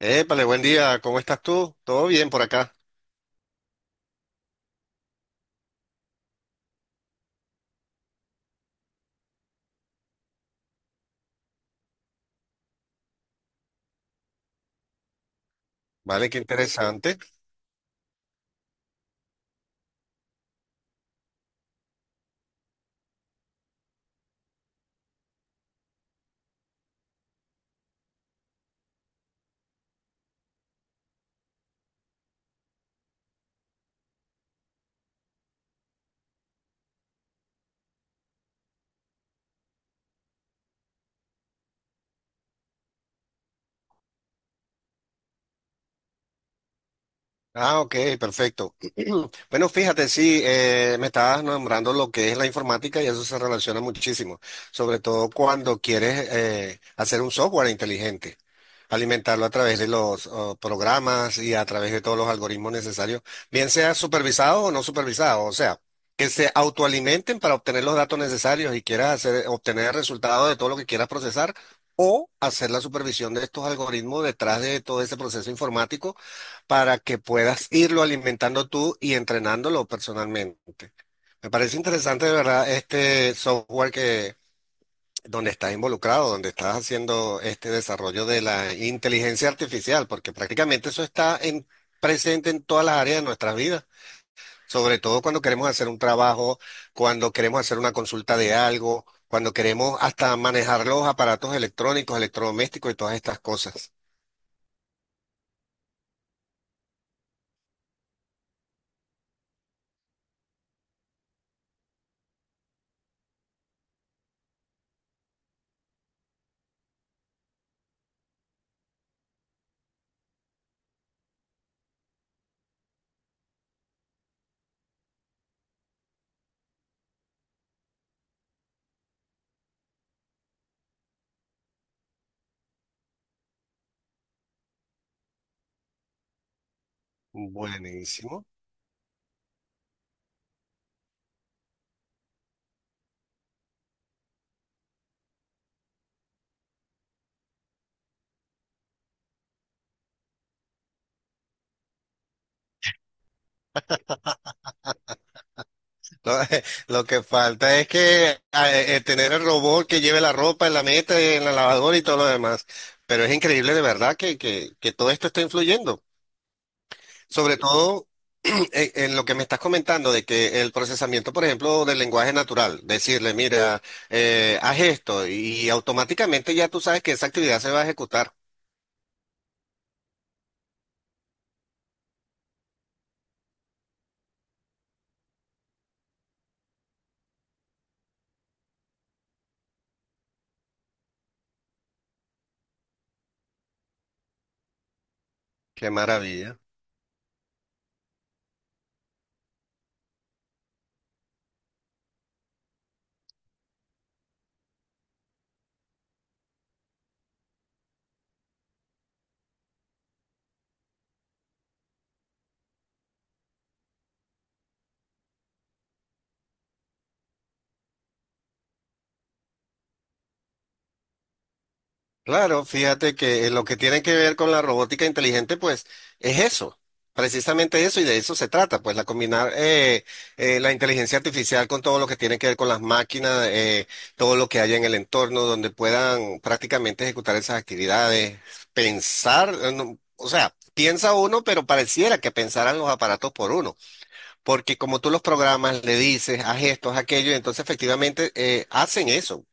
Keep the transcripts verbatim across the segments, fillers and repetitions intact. Épale, buen día, ¿cómo estás tú? ¿Todo bien por acá? Vale, qué interesante. Ah, ok, perfecto. Bueno, fíjate, sí, eh, me estabas nombrando lo que es la informática y eso se relaciona muchísimo, sobre todo cuando quieres eh, hacer un software inteligente, alimentarlo a través de los oh, programas y a través de todos los algoritmos necesarios, bien sea supervisado o no supervisado, o sea, que se autoalimenten para obtener los datos necesarios y quieras hacer, obtener el resultado de todo lo que quieras procesar. O hacer la supervisión de estos algoritmos detrás de todo ese proceso informático para que puedas irlo alimentando tú y entrenándolo personalmente. Me parece interesante de verdad este software que donde estás involucrado, donde estás haciendo este desarrollo de la inteligencia artificial, porque prácticamente eso está en, presente en todas las áreas de nuestras vidas, sobre todo cuando queremos hacer un trabajo, cuando queremos hacer una consulta de algo, cuando queremos hasta manejar los aparatos electrónicos, electrodomésticos y todas estas cosas. Buenísimo. Lo, lo que falta es que a- eh, eh, tener el robot que lleve la ropa en la meta, en la lavadora y todo lo demás. Pero es increíble de verdad que, que, que todo esto está influyendo. Sobre todo en, en lo que me estás comentando de que el procesamiento, por ejemplo, del lenguaje natural, decirle, mira, eh, haz esto y automáticamente ya tú sabes que esa actividad se va a ejecutar. Qué maravilla. Claro, fíjate que eh, lo que tiene que ver con la robótica inteligente, pues es eso, precisamente eso, y de eso se trata, pues la combinar eh, eh, la inteligencia artificial con todo lo que tiene que ver con las máquinas, eh, todo lo que haya en el entorno, donde puedan prácticamente ejecutar esas actividades, pensar, eh, no, o sea, piensa uno, pero pareciera que pensaran los aparatos por uno, porque como tú los programas, le dices, haz esto, haz aquello, y entonces efectivamente eh, hacen eso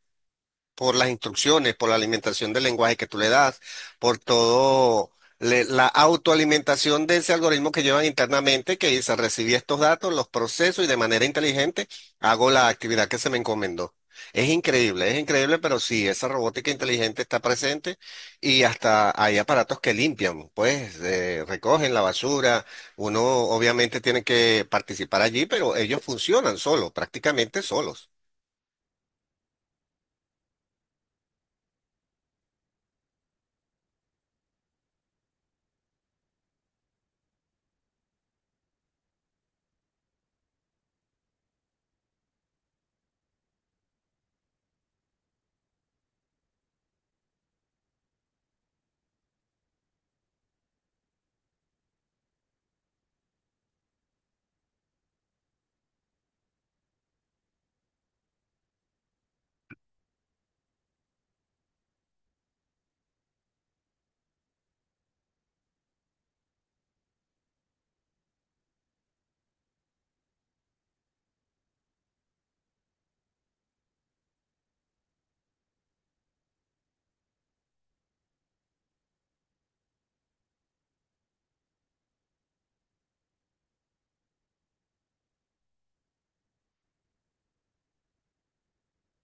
por las instrucciones, por la alimentación del lenguaje que tú le das, por todo le- la autoalimentación de ese algoritmo que llevan internamente, que dice, recibí estos datos, los proceso y de manera inteligente hago la actividad que se me encomendó. Es increíble, es increíble, pero sí, esa robótica inteligente está presente y hasta hay aparatos que limpian, pues eh, recogen la basura, uno obviamente tiene que participar allí, pero ellos funcionan solos, prácticamente solos.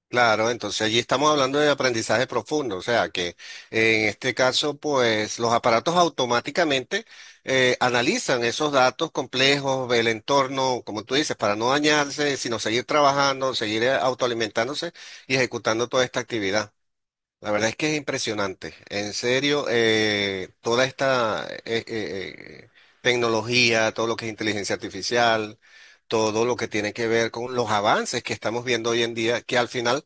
Claro, entonces allí estamos hablando de aprendizaje profundo, o sea que en este caso, pues los aparatos automáticamente eh, analizan esos datos complejos, el entorno, como tú dices, para no dañarse, sino seguir trabajando, seguir eh, autoalimentándose y ejecutando toda esta actividad. La verdad es que es impresionante, en serio, eh, toda esta eh, eh, eh, tecnología, todo lo que es inteligencia artificial, todo lo que tiene que ver con los avances que estamos viendo hoy en día, que al final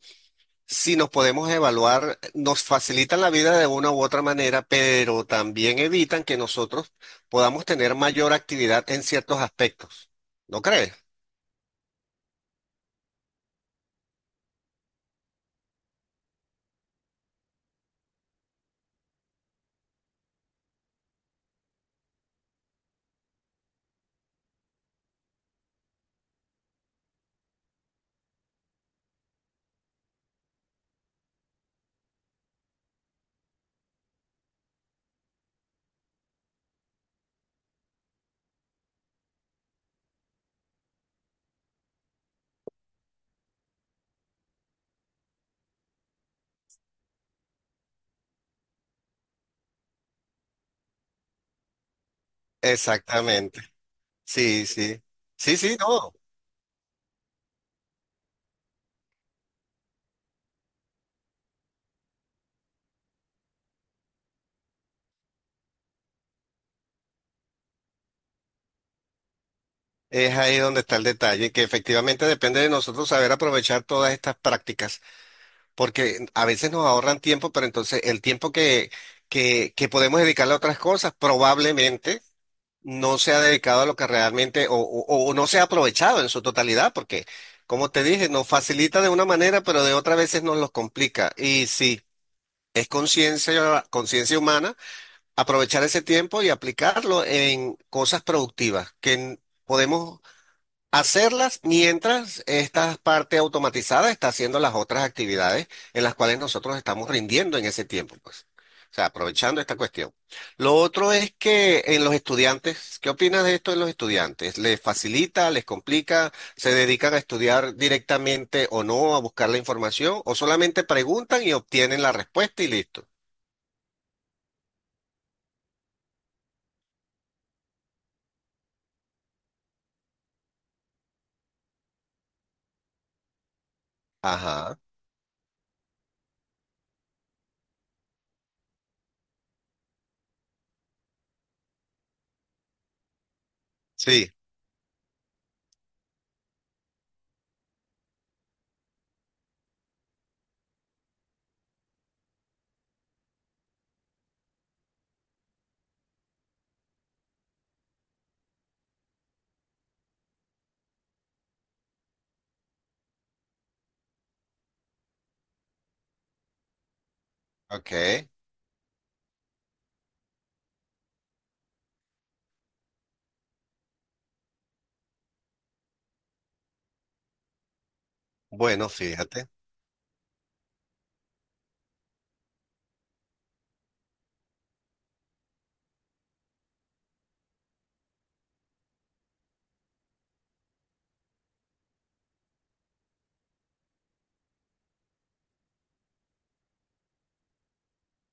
si nos podemos evaluar, nos facilitan la vida de una u otra manera, pero también evitan que nosotros podamos tener mayor actividad en ciertos aspectos. ¿No crees? Exactamente. Sí, sí. Sí, sí, no. Es ahí donde está el detalle, que efectivamente depende de nosotros saber aprovechar todas estas prácticas, porque a veces nos ahorran tiempo, pero entonces el tiempo que, que, que podemos dedicarle a otras cosas, probablemente no se ha dedicado a lo que realmente, o, o- o no se ha aprovechado en su totalidad, porque, como te dije, nos facilita de una manera, pero de otras veces nos los complica. Y sí, es conciencia, conciencia humana aprovechar ese tiempo y aplicarlo en cosas productivas que n- podemos hacerlas mientras esta parte automatizada está haciendo las otras actividades en las cuales nosotros estamos rindiendo en ese tiempo, pues. O sea, aprovechando esta cuestión. Lo otro es que en los estudiantes, ¿qué opinas de esto en los estudiantes? ¿Les facilita, les complica, se dedican a estudiar directamente o no, a buscar la información, o solamente preguntan y obtienen la respuesta y listo? Ajá, sí, ok. Bueno, fíjate,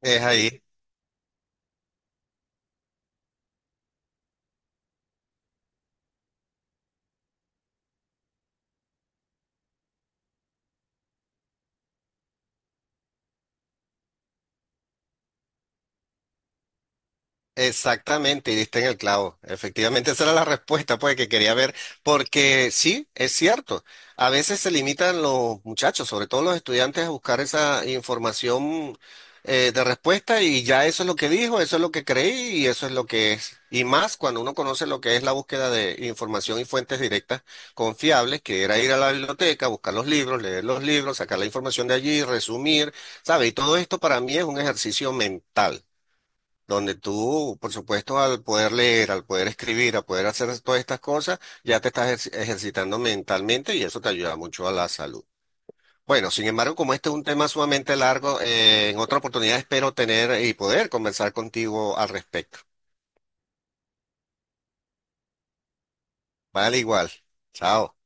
es ahí. Exactamente, y diste en el clavo. Efectivamente, esa era la respuesta pues, que quería ver, porque sí, es cierto. A veces se limitan los muchachos, sobre todo los estudiantes, a buscar esa información eh, de respuesta y ya eso es lo que dijo, eso es lo que creí y eso es lo que es. Y más cuando uno conoce lo que es la búsqueda de información y fuentes directas confiables, que era ir a la biblioteca, buscar los libros, leer los libros, sacar la información de allí, resumir, ¿sabe? Y todo esto para mí es un ejercicio mental donde tú, por supuesto, al poder leer, al poder escribir, al poder hacer todas estas cosas, ya te estás ejerci- ejercitando mentalmente y eso te ayuda mucho a la salud. Bueno, sin embargo, como este es un tema sumamente largo, eh, en otra oportunidad espero tener y poder conversar contigo al respecto. Vale, igual. Chao.